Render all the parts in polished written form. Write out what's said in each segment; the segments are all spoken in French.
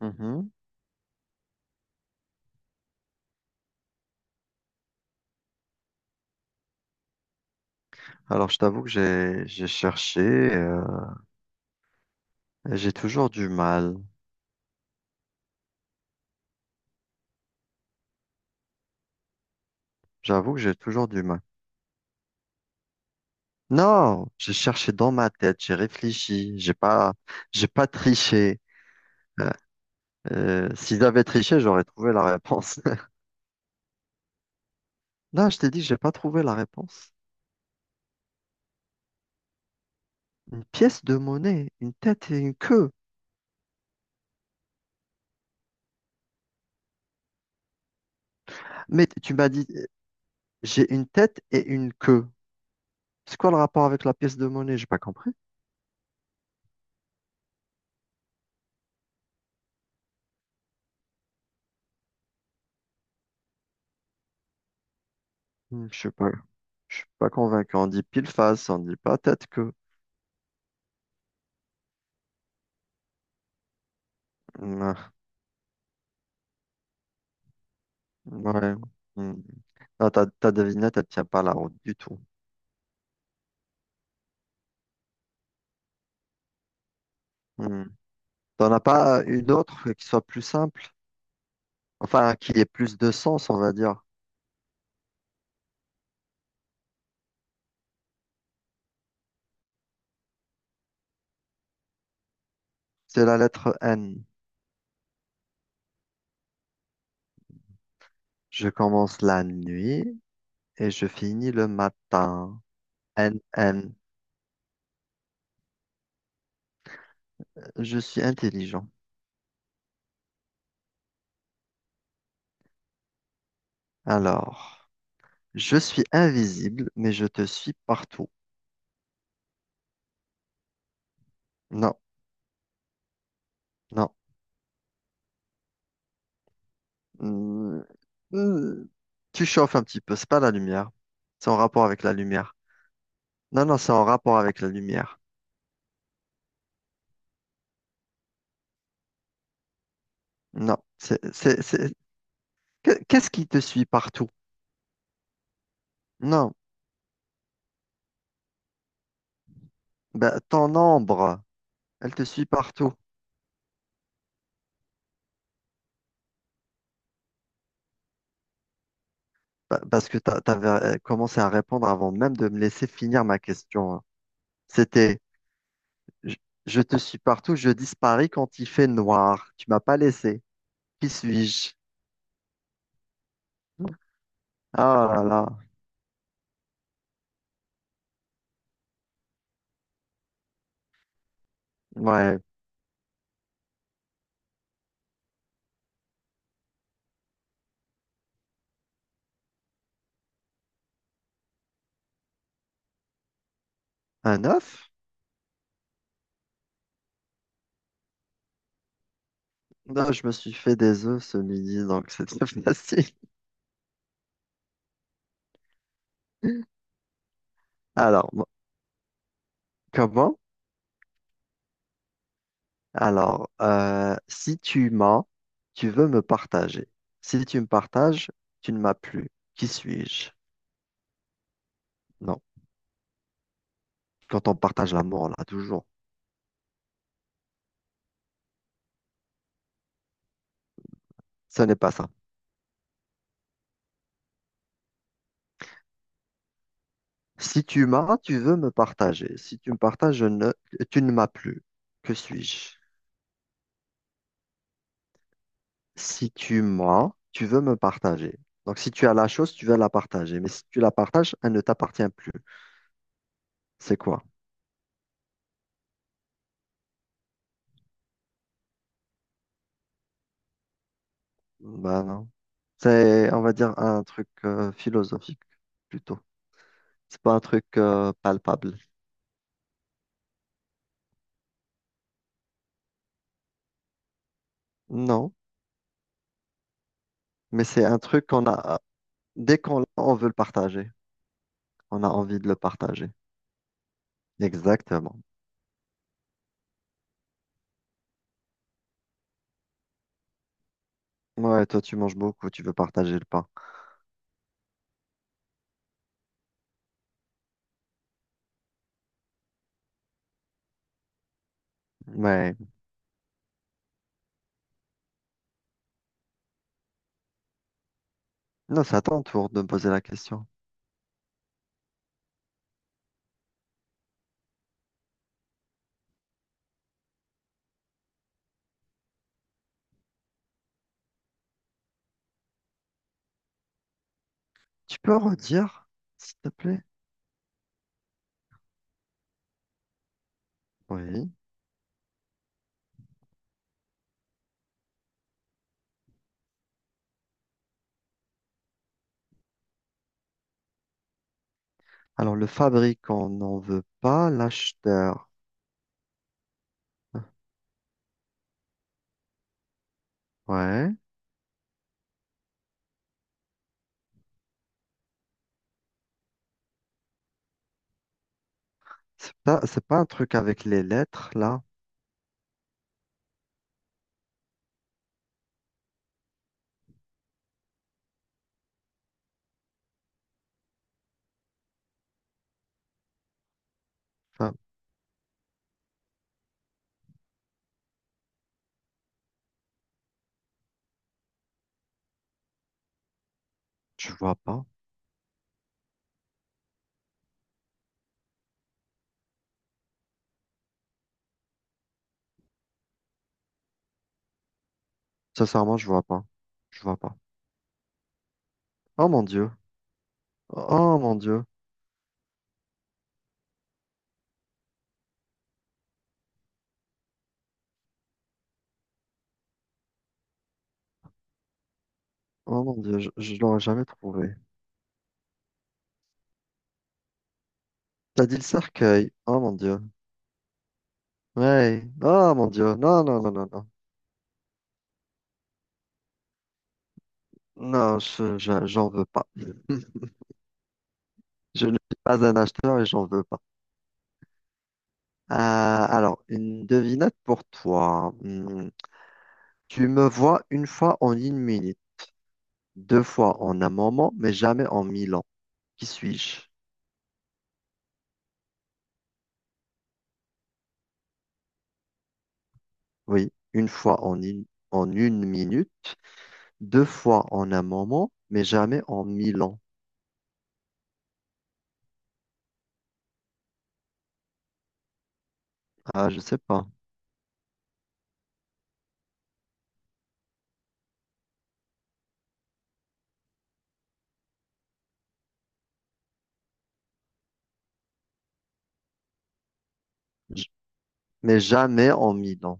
Mhm. Alors, je t'avoue que j'ai cherché, euh, et j'ai toujours du mal. J'avoue que j'ai toujours du mal. Non, j'ai cherché dans ma tête, j'ai réfléchi, j'ai pas triché. Euh, S'ils avaient triché, j'aurais trouvé la réponse. Là, je t'ai dit, j'ai pas trouvé la réponse. Une pièce de monnaie, une tête et une queue. Mais tu m'as dit, j'ai une tête et une queue. C'est quoi le rapport avec la pièce de monnaie? J'ai pas compris. Hmm, je suis pas, je suis pas convaincu. On dit pile face, on dit pas tête queue. Hmm. Ouais. Hmm. Non, ta devinette, elle tient pas la route du tout. Hmm. T'en as pas une autre qui soit plus simple? Enfin, qui ait plus de sens, on va dire. C'est la lettre N. Je commence la nuit et je finis le matin. N, N. Je suis intelligent. Alors, je suis invisible, mais je te suis partout. Non, non. Hmm. Hmm. Tu chauffes un petit peu, c'est pas la lumière. C'est en rapport avec la lumière. Non, non, c'est en rapport avec la lumière. Non. Qu'est-ce qui te suit partout? Non. Ben, ton ombre, elle te suit partout. Parce que tu avais commencé à répondre avant même de me laisser finir ma question, hein. C'était, je, je te suis partout, je disparais quand il fait noir. Tu m'as pas laissé. Qui suis-je? Ah là là. Ouais. Un œuf? Non, je me suis fait des œufs ce midi, donc c'était facile. Alors, comment? Alors, si tu m'as, tu veux me partager. Si tu me partages, tu ne m'as plus. Qui suis-je? Non. Quand on partage l'amour, là, toujours. Ce n'est pas ça. Si tu m'as, tu veux me partager. Si tu me partages, je ne, tu ne m'as plus. Que suis-je? Si tu m'as, tu veux me partager. Donc, si tu as la chose, tu veux la partager. Mais si tu la partages, elle ne t'appartient plus. C'est quoi? Ben non. C'est, on va dire, un truc philosophique plutôt. C'est pas un truc palpable. Non, mais c'est un truc qu'on a dès qu'on l'a, on veut le partager. On a envie de le partager. Exactement. Ouais, toi tu manges beaucoup, tu veux partager le pain. Ouais. Non, c'est à ton tour de me poser la question. Tu peux redire, s'il te plaît? Oui. Alors le fabricant n'en veut pas, l'acheteur. Ouais. C'est pas un truc avec les lettres là. Enfin, je vois pas. Sincèrement, je vois pas. Je vois pas. Oh mon Dieu. Oh mon Dieu. Oh mon dieu, je l'aurais jamais trouvé. T'as dit le cercueil. Oh mon dieu. Ouais. Oh mon dieu. Non, non, non, non, non. Non, j'en veux pas. Je ne suis pas un acheteur et j'en veux pas. Alors, une devinette pour toi. Hmm. Tu me vois une fois en une minute, deux fois en un moment, mais jamais en mille ans. Qui suis-je? Oui, une fois en une minute, deux fois en un moment, mais jamais en mille ans. Ah, je sais pas. J- Mais jamais en mille ans.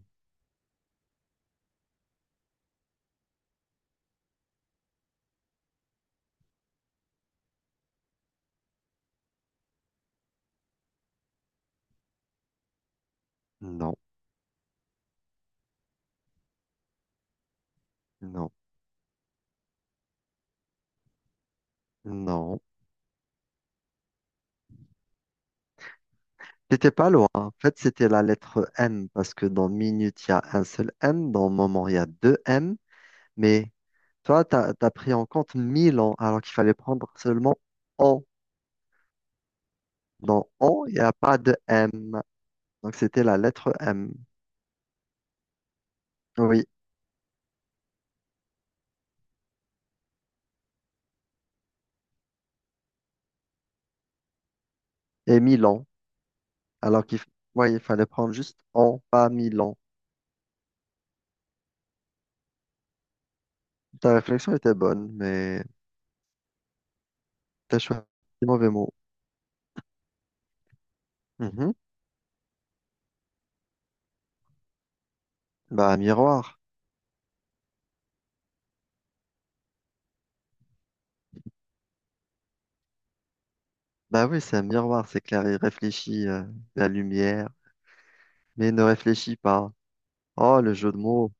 Non, non, non. C'était pas loin. En fait, c'était la lettre M parce que dans minute, il y a un seul M. Dans moment, il y a deux M. Mais toi, t'as pris en compte 1000 ans alors qu'il fallait prendre seulement on. Dans on, il n'y a pas de M. Donc, c'était la lettre M. Oui, et 1000 ans. Alors qu'il f- ouais, il fallait prendre juste en, pas 1000 ans. Ta réflexion était bonne, mais t'as choisi le mauvais mot. Mhm. Bah, miroir. Bah oui, c'est un miroir, c'est clair. Il réfléchit la lumière, mais ne réfléchit pas. Oh, le jeu de mots.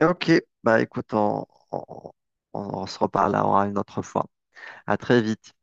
Ok, bah écoute, on- on se reparle là une autre fois. À très vite.